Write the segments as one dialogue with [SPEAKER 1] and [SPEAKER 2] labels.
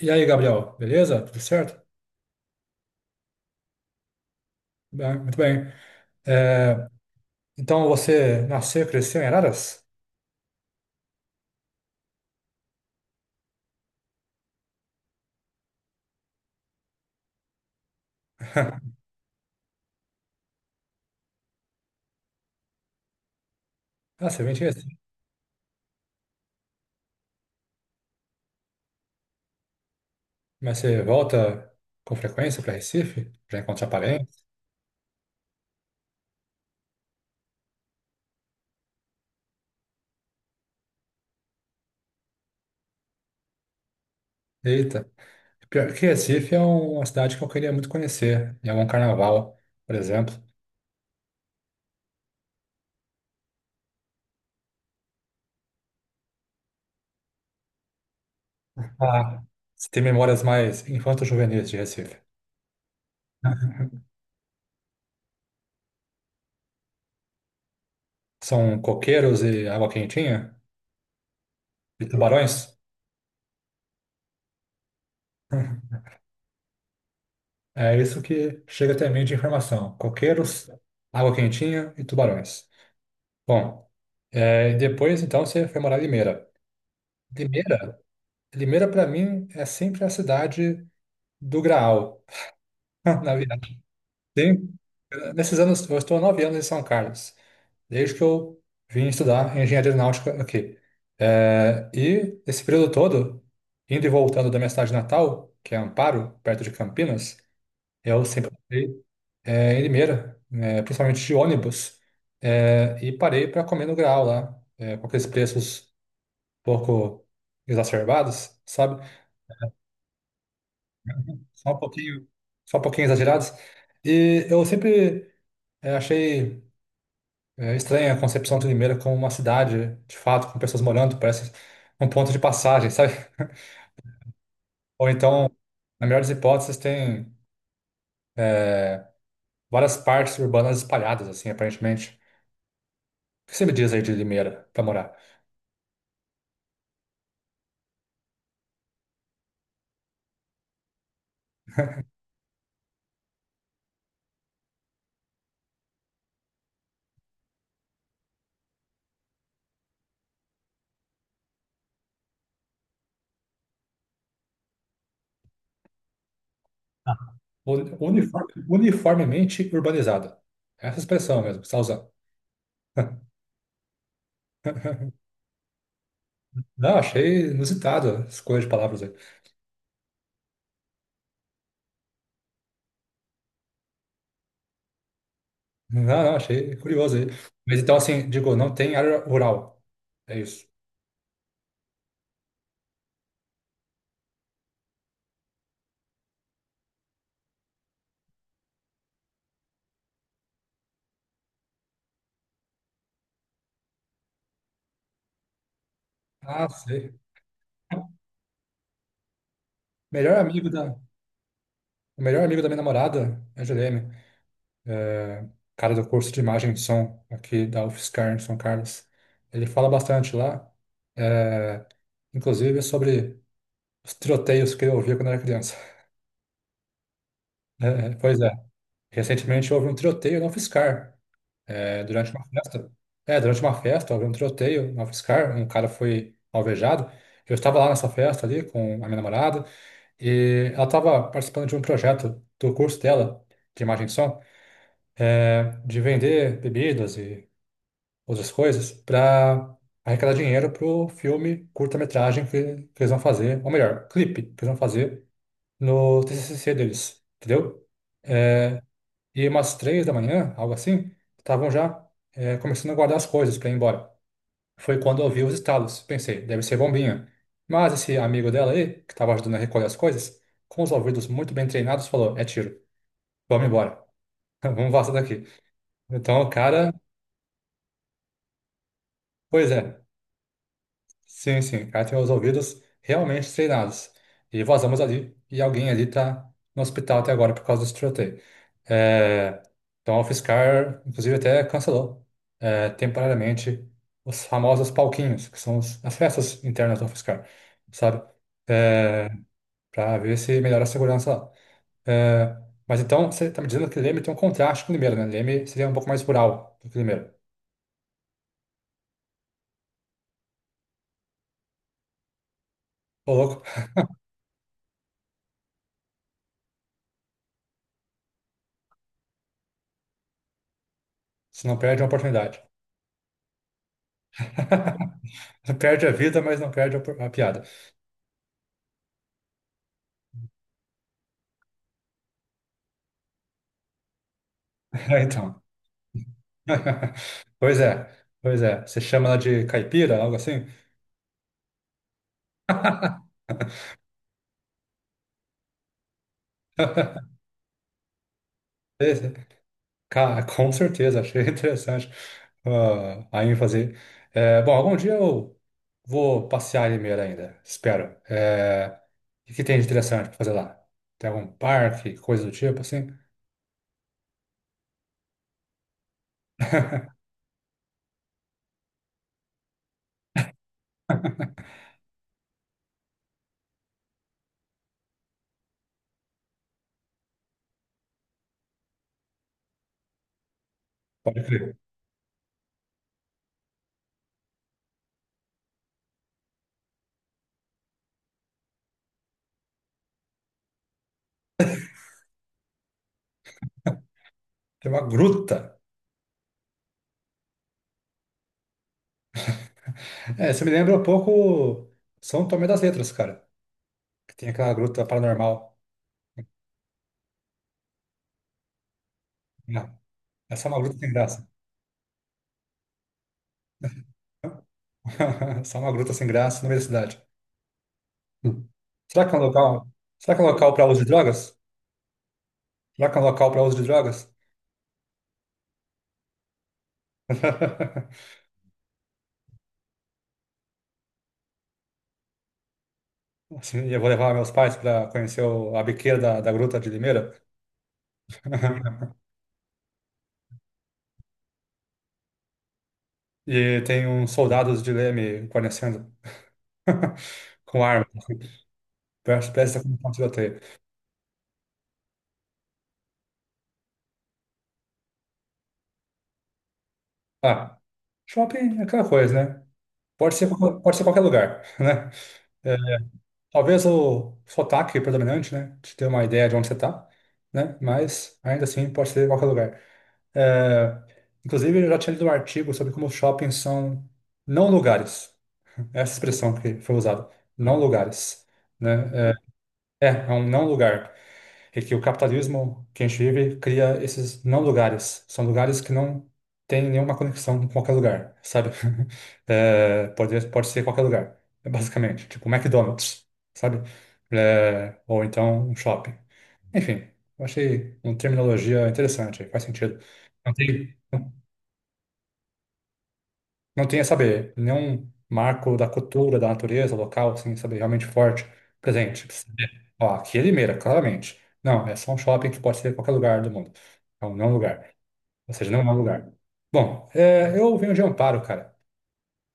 [SPEAKER 1] E aí, Gabriel, beleza? Tudo certo? Bem, muito bem. É, então você nasceu e cresceu em Araras? Ah, você vem de Recife. Mas você volta com frequência para Recife? Para encontrar parentes? Eita. Pior que Recife é uma cidade que eu queria muito conhecer, em algum carnaval, por exemplo. Ah, você tem memórias mais infanto-juvenis de Recife? São coqueiros e água quentinha? E tubarões? É isso que chega até mim de informação. Coqueiros, água quentinha e tubarões. Bom, depois então você foi morar em Limeira. Limeira, Limeira para mim é sempre a cidade do Graal, na verdade. Sim, nesses anos, eu estou há 9 anos em São Carlos, desde que eu vim estudar engenharia aeronáutica aqui. É, e esse período todo, indo e voltando da minha cidade natal, que é Amparo, perto de Campinas, eu sempre em Limeira, né, principalmente de ônibus, e parei para comer no Graal lá, com aqueles preços um pouco exacerbados, sabe? Só um pouquinho, só um pouquinho exagerados. E eu sempre achei estranha a concepção de Limeira como uma cidade, de fato, com pessoas morando, parece um ponto de passagem, sabe? Ou então, na melhor das hipóteses, tem várias partes urbanas espalhadas, assim, aparentemente. O que você me diz aí de Limeira para morar? Uniformemente urbanizada. Essa expressão mesmo, que você está usando. Não, achei inusitado a escolha de palavras aí. Não, não, achei curioso aí. Mas então, assim, digo, não tem área rural. É isso. Ah, sei. Melhor amigo da, o melhor amigo da minha namorada é o Guilherme, é, cara do curso de imagem e som aqui da UFSCar em São Carlos. Ele fala bastante lá, é, inclusive sobre os tiroteios que eu ouvia quando era criança. É, pois é. Recentemente houve um tiroteio na UFSCar, durante uma festa. É, durante uma festa houve um tiroteio na UFSCar, um cara foi alvejado. Eu estava lá nessa festa ali com a minha namorada e ela estava participando de um projeto do curso dela, de imagem e som, de vender bebidas e outras coisas para arrecadar dinheiro para o filme curta-metragem que eles vão fazer, ou melhor, clipe que eles vão fazer no TCC deles, entendeu? É, e umas 3 da manhã, algo assim, estavam já começando a guardar as coisas para ir embora. Foi quando eu ouvi os estalos. Pensei, deve ser bombinha. Mas esse amigo dela aí, que estava ajudando a recolher as coisas, com os ouvidos muito bem treinados, falou: é tiro, vamos embora, vamos vazar daqui. Então o cara, pois é, sim, sim. Ela tem os ouvidos realmente treinados. E vazamos ali, e alguém ali tá no hospital até agora por causa desse tiroteio. É, então a UFSCar, inclusive, até cancelou temporariamente os famosos palquinhos, que são as festas internas da UFSCar, sabe? É, para ver se melhora a segurança lá. É, mas então, você tá me dizendo que Leme tem um contraste com Limeira, né? Leme seria um pouco mais rural do que Limeira. Ô, louco, você não perde uma oportunidade. Perde a vida, mas não perde a piada. É, então. Pois é, pois é. Você chama ela de caipira, algo assim? Esse- Cara, com certeza, achei interessante, ah, a ênfase. É, bom, algum dia eu vou passear em Limeira ainda, espero. É, o que tem de interessante para fazer lá? Tem algum parque, coisa do tipo assim? Pode crer. Tem uma gruta. É, isso me lembra um pouco São Tomé das Letras, cara, que tem aquela gruta paranormal. Ah, é só uma gruta sem graça. Só uma gruta sem graça no meio da cidade. Hum. Será que é um local? Será que é um local para uso de drogas? Será que é um local para uso de drogas? Assim, eu vou levar meus pais para conhecer a biqueira da gruta de Limeira. E tem uns soldados de leme guarnecendo com arma. Parece que tá com um tiroteio. Ah, shopping é aquela coisa, né? Pode ser, pode ser qualquer lugar, né? É, talvez o sotaque predominante, né, te dê uma ideia de onde você está, né? Mas ainda assim pode ser qualquer lugar. É, inclusive, eu já tinha lido um artigo sobre como os shoppings são não lugares, né, essa expressão que foi usada, não lugares, né? É um não lugar. É que o capitalismo que a gente vive cria esses não lugares. São lugares que não têm nenhuma conexão com qualquer lugar, sabe? É, pode ser qualquer lugar, basicamente. Tipo McDonald's, sabe? É, ou então um shopping. Enfim, eu achei uma terminologia interessante, faz sentido. Não tem. Não tinha, sabe, nenhum marco da cultura, da natureza, local, assim, sabe, realmente forte, presente. Sabe? Ó, aqui é Limeira, claramente. Não, é só um shopping que pode ser em qualquer lugar do mundo. Então, não é um lugar. Ou seja, não é um lugar. Bom, é, eu venho de Amparo, cara.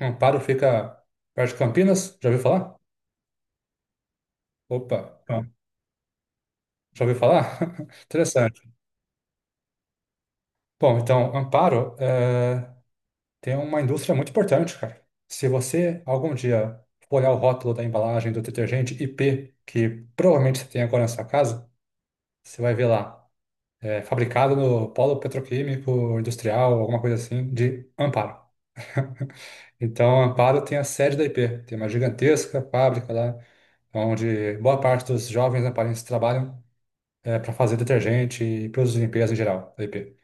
[SPEAKER 1] Amparo fica perto de Campinas. Já ouviu falar? Opa, bom, já ouviu falar? Interessante. Bom, então, Amparo, é, tem uma indústria muito importante, cara. Se você algum dia for olhar o rótulo da embalagem do detergente IP, que provavelmente você tem agora na sua casa, você vai ver lá, fabricado no polo petroquímico, industrial, alguma coisa assim, de Amparo. Então, Amparo tem a sede da IP, tem uma gigantesca fábrica lá, onde boa parte dos jovens amparenses trabalham, para fazer detergente e produtos de limpeza em geral da IP.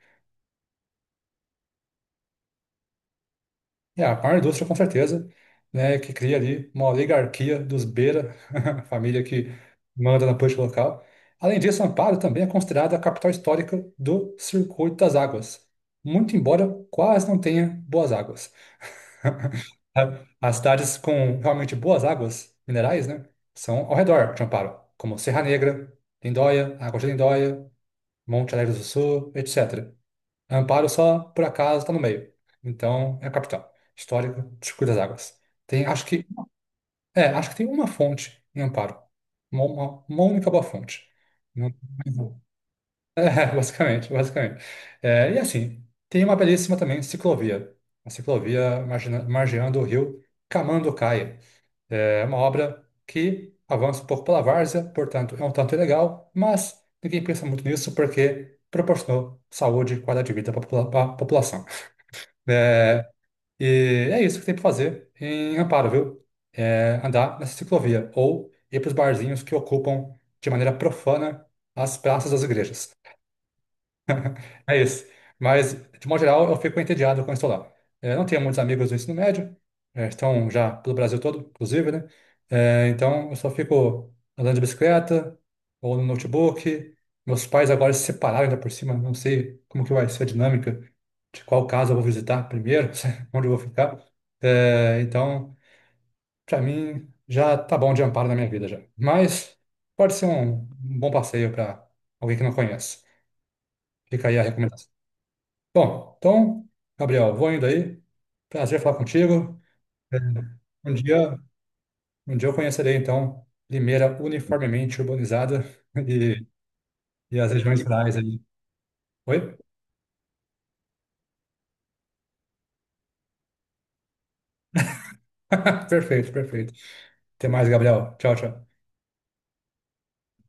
[SPEAKER 1] É, a maior indústria, com certeza, né, que cria ali uma oligarquia dos Beira, a família que manda na política local. Além disso, Amparo também é considerada a capital histórica do Circuito das Águas, muito embora quase não tenha boas águas. As cidades com realmente boas águas minerais, né, são ao redor de Amparo, como Serra Negra, Lindóia, Águas de Lindóia, Monte Alegre do Sul, etc. Amparo só, por acaso, está no meio. Então, é a capital histórica, Circuito das Águas. Tem, acho que, acho que tem uma fonte em Amparo. Uma única boa fonte. Não- é, basicamente, basicamente. É, e assim, tem uma belíssima também ciclovia. Uma ciclovia margeando o rio Camanducaia. É uma obra que avança um pouco pela várzea, portanto, é um tanto ilegal, mas ninguém pensa muito nisso porque proporcionou saúde e qualidade de vida para a população. É, e é isso que tem para fazer em Amparo, viu? É andar nessa ciclovia ou ir para os barzinhos que ocupam de maneira profana as praças das igrejas. É isso. Mas, de modo geral, eu fico entediado quando estou lá. É, não tenho muitos amigos do ensino médio, é, estão já pelo Brasil todo, inclusive, né? É, então, eu só fico andando de bicicleta ou no notebook. Meus pais agora se separaram ainda por cima, não sei como que vai ser a dinâmica, de qual casa eu vou visitar primeiro, onde eu vou ficar. É, então, para mim, já tá bom de amparo na minha vida já. Mas pode ser um bom passeio para alguém que não conhece. Fica aí a recomendação. Bom, então, Gabriel, vou indo aí. Prazer falar contigo. É, um dia, um dia eu conhecerei, então, Limeira uniformemente urbanizada e, e as regiões rurais ali. Oi? Perfeito, perfeito. Até mais, Gabriel. Tchau, tchau.